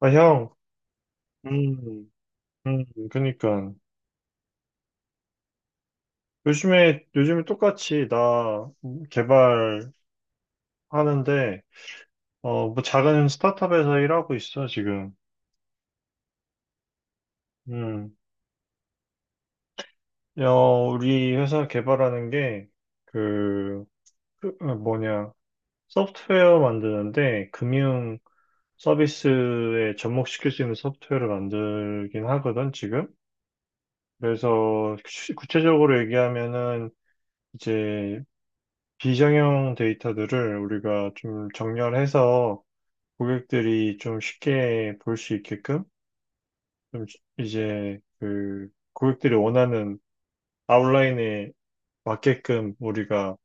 아, 형. 음. 음. 그니까. 요즘에 똑같이 나 개발하는데, 뭐 작은 스타트업에서 일하고 있어, 지금. 음. 우리 회사 개발하는 게, 그, 그, 어, 뭐냐, 소프트웨어 만드는데, 금융 서비스에 접목시킬 수 있는 소프트웨어를 만들긴 하거든, 지금. 그래서, 구체적으로 얘기하면은, 이제 비정형 데이터들을 우리가 좀 정렬해서 고객들이 좀 쉽게 볼 수 있게끔 좀 이제 그 고객들이 원하는 아웃라인에 맞게끔 우리가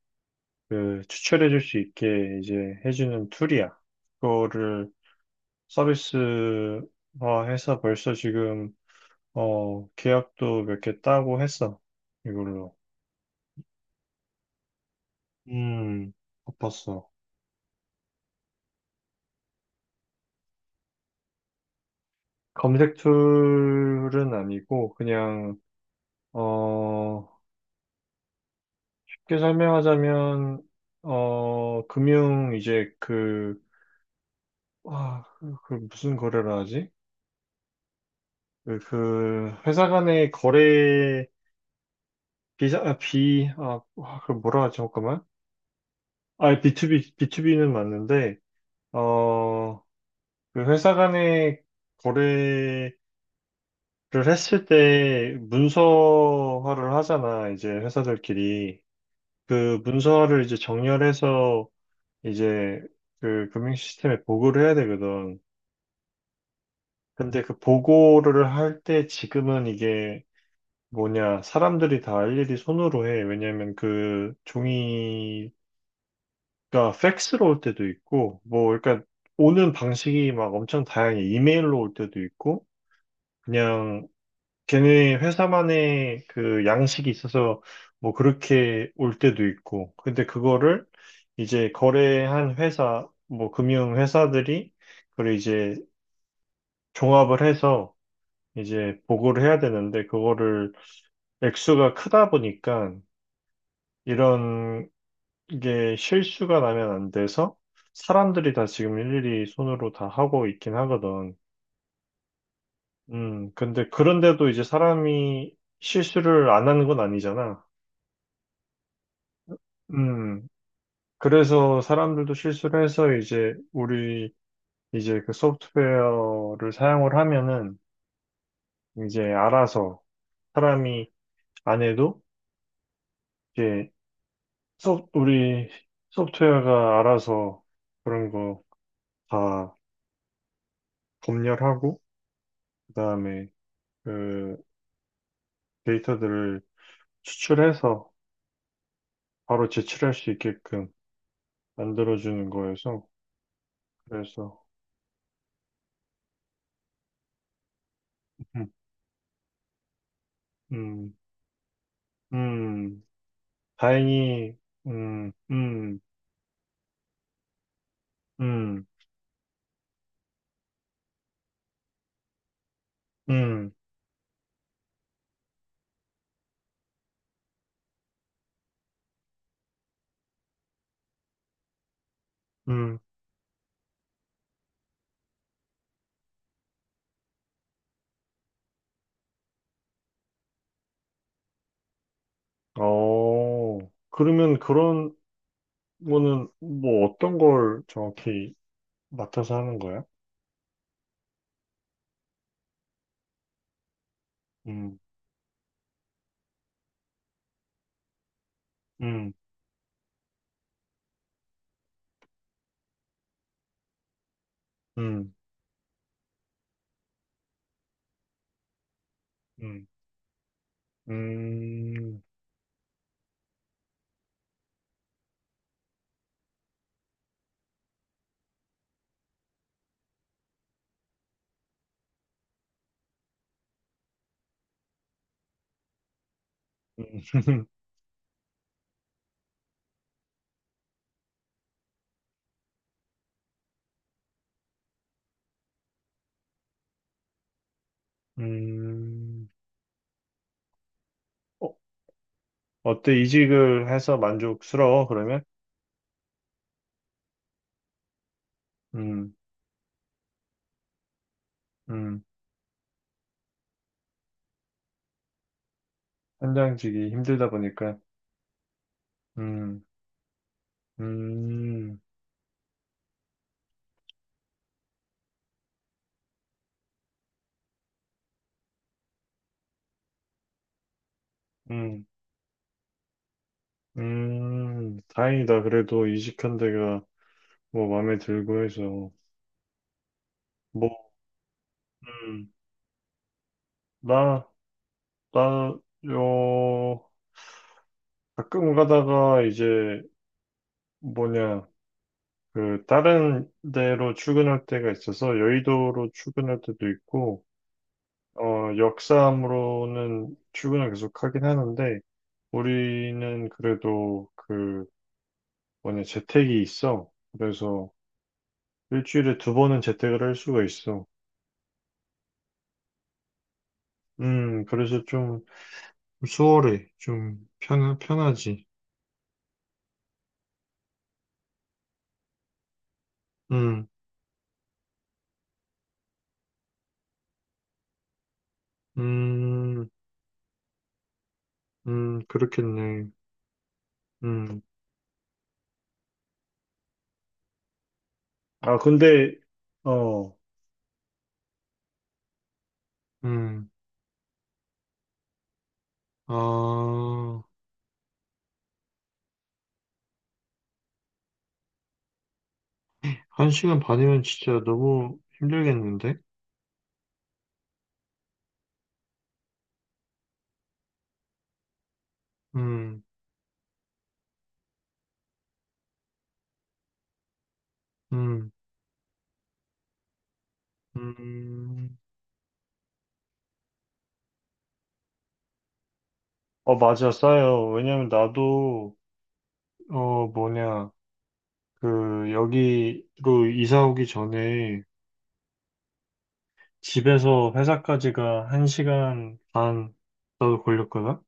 그 추출해 줄 수 있게 이제 해주는 툴이야. 그거를 서비스화해서 벌써 지금 계약도 몇 개 따고 했어. 이걸로. 음, 바빴어. 검색 툴은 아니고 그냥 어, 쉽게 설명하자면, 금융, 이제 그 무슨 거래를 하지? 회사 간의 거래, 비자, 아, 비, 아, 아, 그 뭐라 하지? 잠깐만. 아, B2B, 비투비는 맞는데, 어, 그 회사 간의 거래를 했을 때 문서화를 하잖아, 이제 회사들끼리. 그 문서화를 이제 정렬해서 이제 그 금융 시스템에 보고를 해야 되거든. 근데 그 보고를 할 때 지금은 이게 사람들이 다 일일이 손으로 해. 왜냐면 그 종이가 팩스로 올 때도 있고, 뭐, 그러니까 오는 방식이 막 엄청 다양해. 이메일로 올 때도 있고, 그냥 걔네 회사만의 그 양식이 있어서 뭐 그렇게 올 때도 있고. 근데 그거를 이제 거래한 회사, 뭐 금융 회사들이 그걸 이제 종합을 해서 이제 보고를 해야 되는데 그거를 액수가 크다 보니까 이런 게 실수가 나면 안 돼서 사람들이 다 지금 일일이 손으로 다 하고 있긴 하거든. 근데 그런데도 이제 사람이 실수를 안 하는 건 아니잖아. 음, 그래서 사람들도 실수를 해서 이제 우리 이제 그 소프트웨어를 사용을 하면은 이제 알아서 사람이 안 해도 이제 우리 소프트웨어가 알아서 그런 거 다 검열하고, 그 다음에 그 데이터들을 추출해서 바로 제출할 수 있게끔 만들어주는 거여서, 그래서, 음, 음, 음, 다행히, 음, 음, 음, 음, 음, 어, 그러면 그런 거는 뭐 어떤 걸 정확히 맡아서 하는 거야? 음. 음. 음. 음. 음. 음. 음. 어, 어때? 이직을 해서 만족스러워, 그러면? 음. 음. 현장직이 힘들다 보니까. 음. 음. 음. 음. 다행이다. 그래도 이직한 데가 뭐 마음에 들고 해서. 뭐, 음, 나, 나, 요, 가끔 가다가 이제 뭐냐, 다른 데로 출근할 때가 있어서 여의도로 출근할 때도 있고, 역사함으로는 출근을 계속 하긴 하는데, 우리는 그래도 재택이 있어. 그래서 일주일에 두 번은 재택을 할 수가 있어. 그래서 좀 수월해. 좀 편하지. 음. 음. 음. 그렇겠네. 음. 아, 근데, 어, 음, 아, 한 시간 반이면 진짜 너무 힘들겠는데? 음. 음. 음. 어, 맞아, 싸요. 왜냐면 나도, 어, 뭐냐, 여기로 이사 오기 전에 집에서 회사까지가 1시간 반 나도 걸렸거든?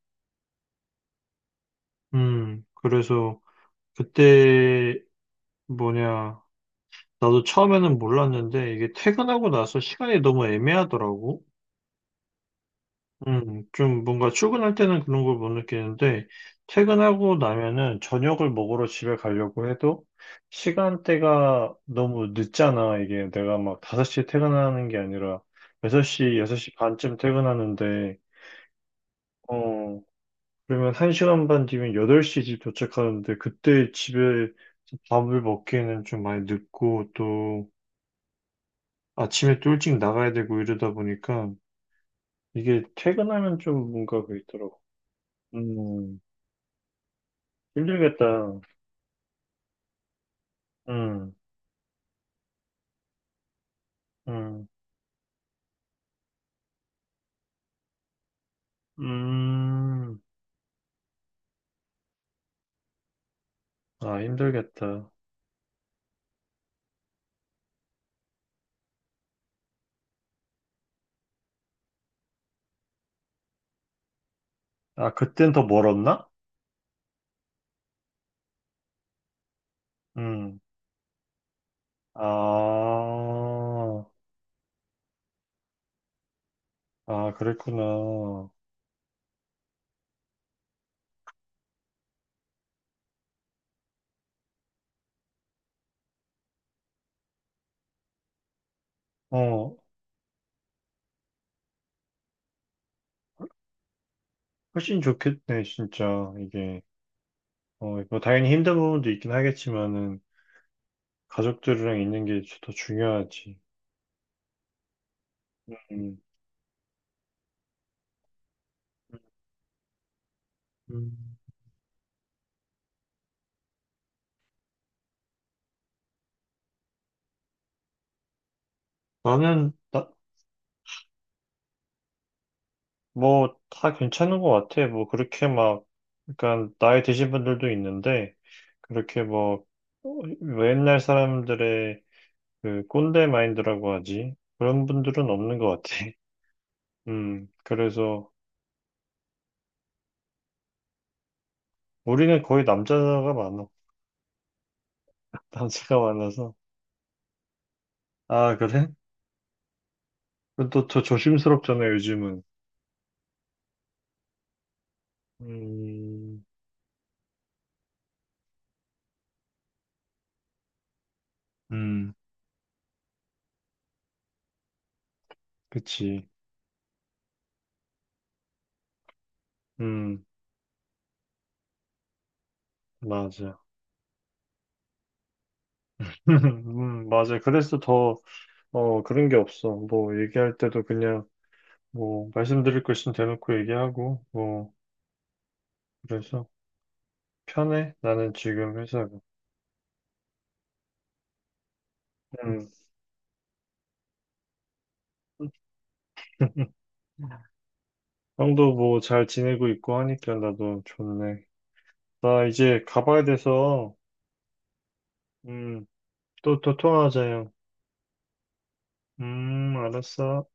그래서 그때 뭐냐, 나도 처음에는 몰랐는데 이게 퇴근하고 나서 시간이 너무 애매하더라고. 좀 뭔가 출근할 때는 그런 걸 못 느끼는데, 퇴근하고 나면은 저녁을 먹으러 집에 가려고 해도 시간대가 너무 늦잖아. 이게 내가 막 5시에 퇴근하는 게 아니라 6시, 6시 반쯤 퇴근하는데, 어, 그러면 1시간 반 뒤면 8시 집 도착하는데, 그때 집에 밥을 먹기에는 좀 많이 늦고, 또 아침에 또 일찍 나가야 되고 이러다 보니까, 이게 퇴근하면 좀 뭔가 그있더라고. 음. 힘들겠다. 음. 음. 음. 아, 힘들겠다. 아, 그땐 더 멀었나? 음. 아, 아, 그랬구나. 어. 훨씬 좋겠네, 진짜. 이게. 뭐, 당연히 힘든 부분도 있긴 하겠지만은, 가족들이랑 있는 게 더 중요하지. 음. 음. 나는, 나, 뭐, 다 괜찮은 것 같아. 뭐, 그렇게 막, 그러니까, 나이 드신 분들도 있는데, 그렇게 뭐, 어, 옛날 사람들의 그 꼰대 마인드라고 하지. 그런 분들은 없는 것 같아. 그래서 우리는 거의 남자가 많아. 남자가 많아서. 아, 그래? 그럼 또, 더 조심스럽잖아, 요즘은. 음. 음. 그치. 음, 맞아. 맞아. 그래서 더, 그런 게 없어. 뭐, 얘기할 때도 그냥, 뭐, 말씀드릴 거 있으면 대놓고 얘기하고, 뭐, 그래서 편해. 나는 지금 회사가. 음. 형도 뭐 잘 지내고 있고 하니까 나도 좋네. 나 이제 가봐야 돼서, 음, 또, 또 통화하자, 형. 알았어.